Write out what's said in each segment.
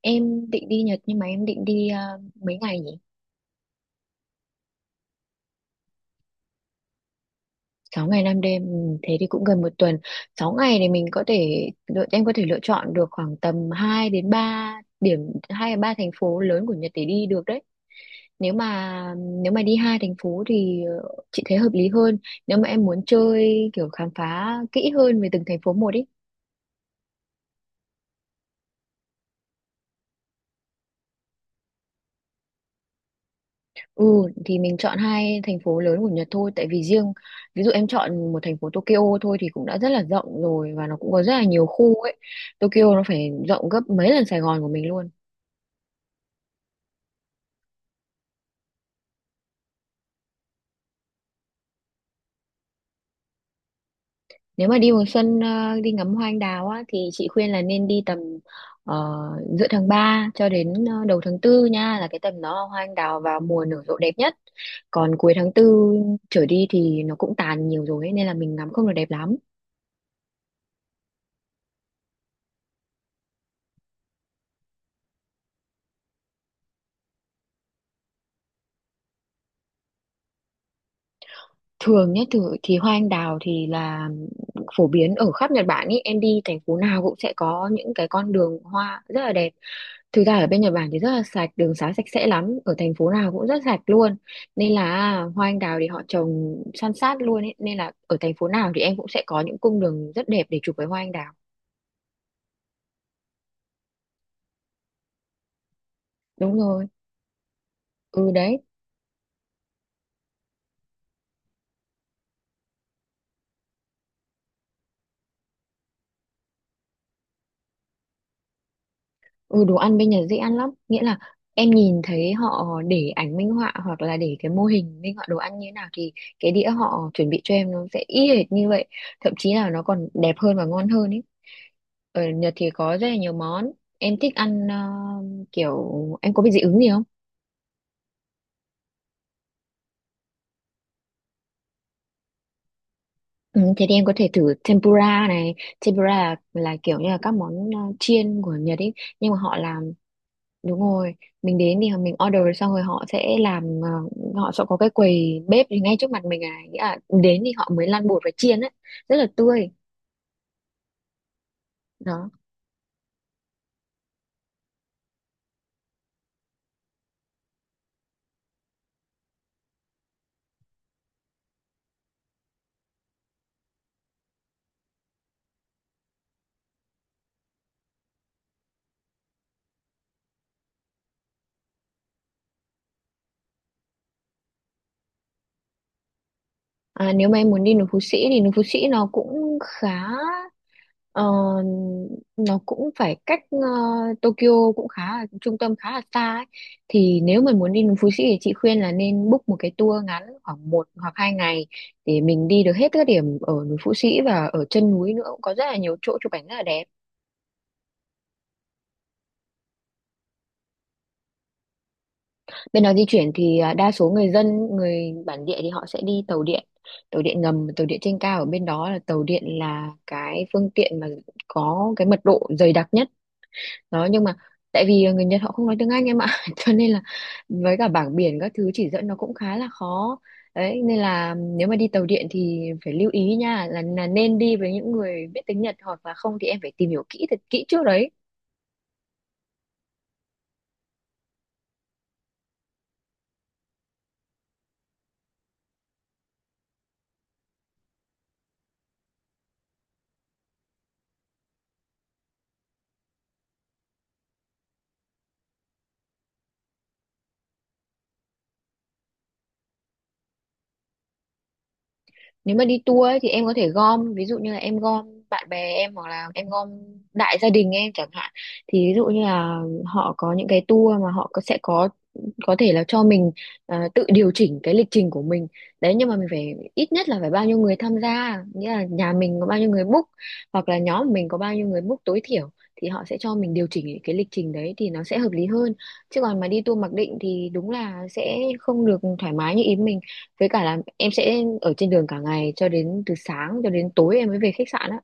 Em định đi Nhật nhưng mà em định đi mấy ngày nhỉ? Sáu ngày 5 đêm, ừ, thế thì cũng gần một tuần. Sáu ngày thì mình có thể lựa chọn được khoảng tầm điểm hai đến 3 thành phố lớn của Nhật để đi được đấy. Nếu mà nếu mà đi hai thành phố thì chị thấy hợp lý hơn. Nếu mà em muốn chơi kiểu khám phá kỹ hơn về từng thành phố một ý. Ừ, thì mình chọn hai thành phố lớn của Nhật thôi, tại vì riêng ví dụ em chọn một thành phố Tokyo thôi thì cũng đã rất là rộng rồi và nó cũng có rất là nhiều khu ấy. Tokyo nó phải rộng gấp mấy lần Sài Gòn của mình luôn. Nếu mà đi mùa xuân đi ngắm hoa anh đào á thì chị khuyên là nên đi tầm ờ, giữa tháng 3 cho đến đầu tháng tư nha, là cái tầm nó hoa anh đào vào mùa nở rộ đẹp nhất. Còn cuối tháng tư trở đi thì nó cũng tàn nhiều rồi ấy, nên là mình ngắm không được đẹp lắm. Thường nhé, thử thì hoa anh đào thì là phổ biến ở khắp Nhật Bản ý, em đi thành phố nào cũng sẽ có những cái con đường hoa rất là đẹp. Thực ra ở bên Nhật Bản thì rất là sạch, đường xá sạch sẽ lắm, ở thành phố nào cũng rất sạch luôn, nên là hoa anh đào thì họ trồng san sát luôn ấy, nên là ở thành phố nào thì em cũng sẽ có những cung đường rất đẹp để chụp với hoa anh đào. Đúng rồi. Ừ đấy. Ừ, đồ ăn bên Nhật dễ ăn lắm, nghĩa là em nhìn thấy họ để ảnh minh họa hoặc là để cái mô hình minh họa đồ ăn như thế nào, thì cái đĩa họ chuẩn bị cho em nó sẽ y hệt như vậy, thậm chí là nó còn đẹp hơn và ngon hơn ấy. Ở Nhật thì có rất là nhiều món em thích ăn, kiểu em có bị dị ứng gì không? Ừ, thế thì em có thể thử tempura này. Tempura là kiểu như là các món chiên của Nhật ấy, nhưng mà họ làm. Đúng rồi, mình đến thì mình order xong rồi họ sẽ làm, họ sẽ có cái quầy bếp thì ngay trước mặt mình, à nghĩa là đến thì họ mới lăn bột và chiên ấy, rất là tươi. Đó. À, nếu mà em muốn đi núi Phú Sĩ thì núi Phú Sĩ nó cũng khá, ờ, nó cũng phải cách Tokyo, cũng khá là trung tâm khá là xa ấy. Thì nếu mà muốn đi núi Phú Sĩ thì chị khuyên là nên book một cái tour ngắn khoảng một hoặc hai ngày để mình đi được hết các điểm ở núi Phú Sĩ, và ở chân núi nữa cũng có rất là nhiều chỗ chụp ảnh rất là đẹp. Bên đó di chuyển thì đa số người dân, người bản địa thì họ sẽ đi tàu điện ngầm, và tàu điện trên cao. Ở bên đó là tàu điện là cái phương tiện mà có cái mật độ dày đặc nhất. Đó, nhưng mà tại vì người Nhật họ không nói tiếng Anh em ạ, cho nên là với cả bảng biển các thứ chỉ dẫn nó cũng khá là khó. Đấy, nên là nếu mà đi tàu điện thì phải lưu ý nha, là nên đi với những người biết tiếng Nhật, hoặc là không thì em phải tìm hiểu kỹ thật kỹ trước đấy. Nếu mà đi tour ấy, thì em có thể gom, ví dụ như là em gom bạn bè em hoặc là em gom đại gia đình em chẳng hạn, thì ví dụ như là họ có những cái tour mà họ có, sẽ có thể là cho mình tự điều chỉnh cái lịch trình của mình. Đấy, nhưng mà mình phải ít nhất là phải bao nhiêu người tham gia, nghĩa là nhà mình có bao nhiêu người book hoặc là nhóm mình có bao nhiêu người book tối thiểu thì họ sẽ cho mình điều chỉnh cái lịch trình đấy thì nó sẽ hợp lý hơn. Chứ còn mà đi tour mặc định thì đúng là sẽ không được thoải mái như ý mình, với cả là em sẽ ở trên đường cả ngày cho đến từ sáng cho đến tối em mới về khách sạn á.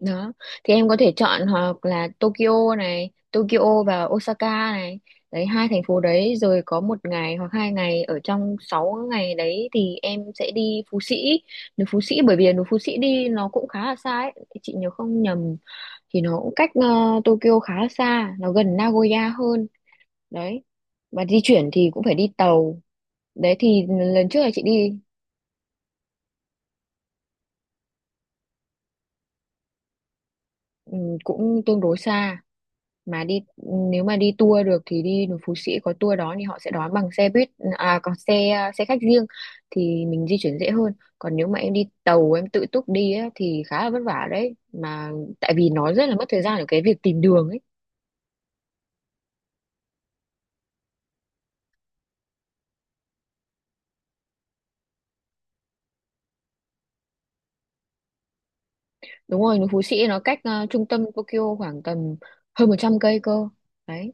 Đó, thì em có thể chọn hoặc là Tokyo này, Tokyo và Osaka này. Đấy, hai thành phố đấy, rồi có một ngày hoặc hai ngày ở trong sáu ngày đấy thì em sẽ đi Phú Sĩ, núi Phú Sĩ, bởi vì núi Phú Sĩ đi nó cũng khá là xa ấy. Chị nhớ không nhầm thì nó cũng cách Tokyo khá là xa, nó gần Nagoya hơn. Đấy, và di chuyển thì cũng phải đi tàu. Đấy thì lần trước là chị đi. Ừ, cũng tương đối xa mà đi, nếu mà đi tour được thì đi núi Phú Sĩ có tour đó thì họ sẽ đón bằng xe buýt, xe khách riêng thì mình di chuyển dễ hơn. Còn nếu mà em đi tàu em tự túc đi á, thì khá là vất vả đấy, mà tại vì nó rất là mất thời gian ở cái việc tìm đường ấy. Đúng rồi, núi Phú Sĩ nó cách trung tâm Tokyo khoảng tầm hơn 100 cây cơ. Đấy,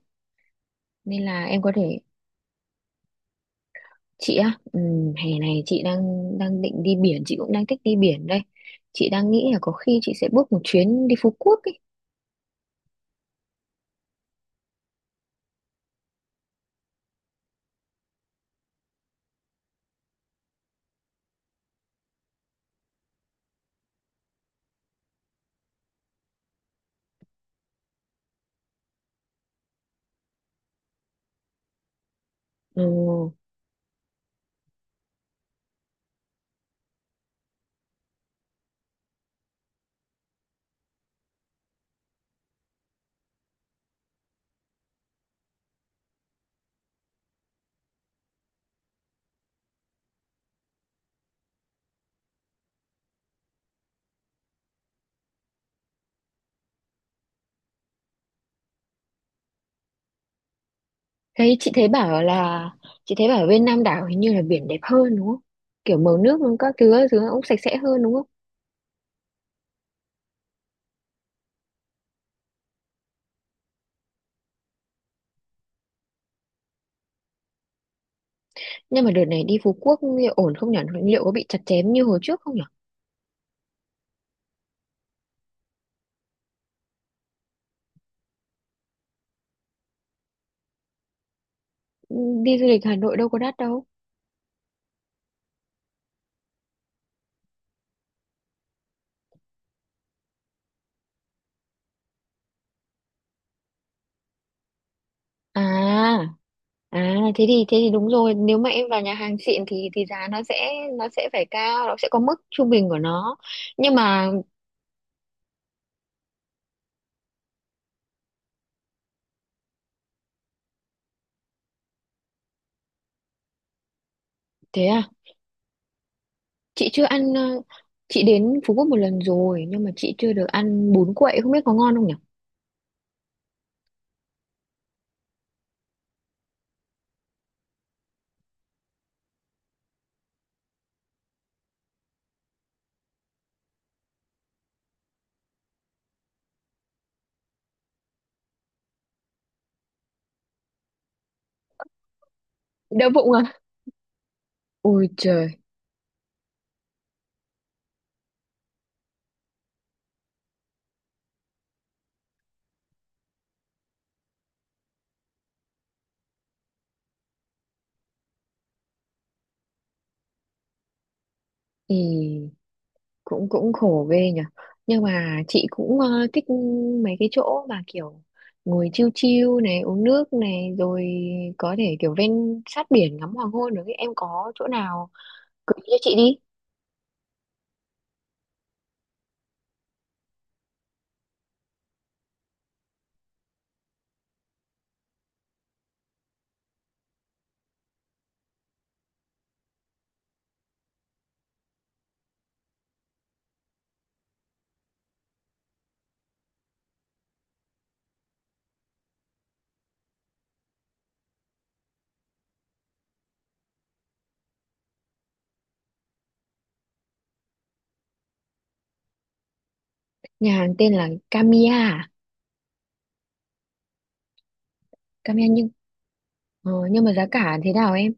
nên là em có thể. Chị á, hè này chị đang đang định đi biển, chị cũng đang thích đi biển đây. Chị đang nghĩ là có khi chị sẽ book một chuyến đi Phú Quốc ấy. Ừ. thấy chị thấy bảo là chị thấy bảo bên Nam đảo hình như là biển đẹp hơn đúng không? Kiểu màu nước các thứ cũng sạch sẽ hơn đúng không? Nhưng mà đợt này đi Phú Quốc liệu ổn không nhỉ, liệu có bị chặt chém như hồi trước không nhỉ? Ừ, đi du lịch Hà Nội đâu có đắt đâu. À, à thế thì đúng rồi, nếu mà em vào nhà hàng xịn thì giá nó sẽ phải cao, nó sẽ có mức trung bình của nó. Nhưng mà thế à, chị chưa ăn, chị đến Phú Quốc một lần rồi nhưng mà chị chưa được ăn bún quậy, không biết có ngon không nhỉ? Đau bụng à? Ôi trời, thì cũng cũng khổ ghê nhỉ. Nhưng mà chị cũng thích mấy cái chỗ mà kiểu ngồi chill chill này, uống nước này, rồi có thể kiểu ven sát biển ngắm hoàng hôn được ấy. Em có chỗ nào gợi cho chị đi? Nhà hàng tên là Kamiya à? Kamiya. Nhưng nhưng mà giá cả thế nào em?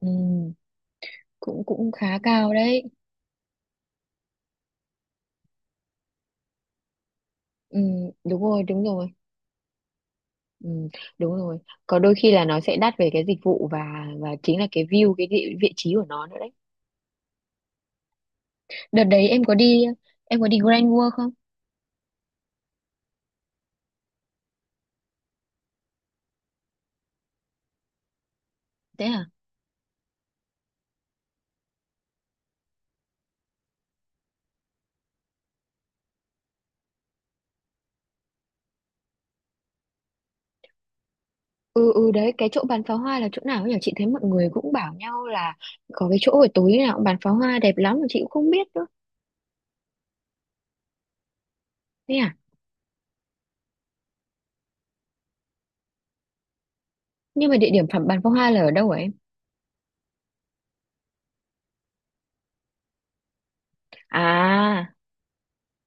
Ừ, cũng cũng khá cao đấy. Ừ, đúng rồi đúng rồi. Ừ, đúng rồi. Có đôi khi là nó sẽ đắt về cái dịch vụ và chính là cái view, cái địa, vị trí của nó nữa đấy. Đợt đấy em có đi Grand World không? Thế à. Ừ ừ đấy, cái chỗ bắn pháo hoa là chỗ nào nhỉ? Chị thấy mọi người cũng bảo nhau là có cái chỗ ở tối nào cũng bắn pháo hoa đẹp lắm mà chị cũng không biết nữa. Thế à. Nhưng mà địa điểm phẩm bắn pháo hoa là ở đâu hả em? À.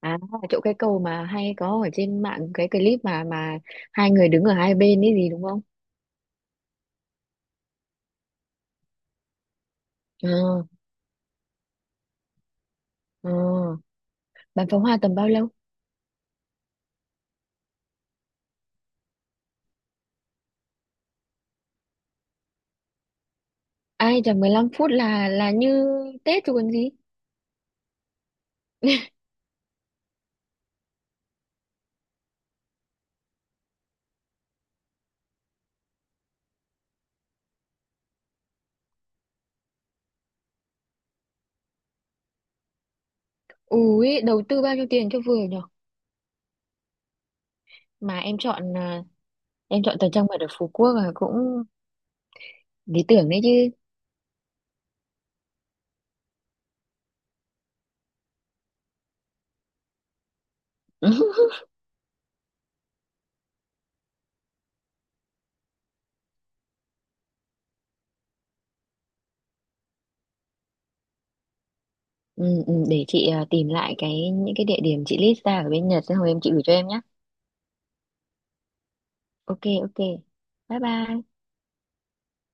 À, chỗ cái cầu mà hay có ở trên mạng cái clip mà hai người đứng ở hai bên ấy gì đúng không? Ờ, ờ. Bắn pháo hoa tầm bao lâu? Ai chẳng 15 phút là như Tết chứ còn gì. Ui, đầu tư bao nhiêu tiền cho vừa nhở? Mà em chọn em chọn thời trang mật ở Phú Quốc là cũng lý tưởng đấy chứ. Ừ, ừ, để chị tìm lại cái những cái địa điểm chị list ra ở bên Nhật xong rồi chị gửi cho em nhé. Ok ok. Bye bye.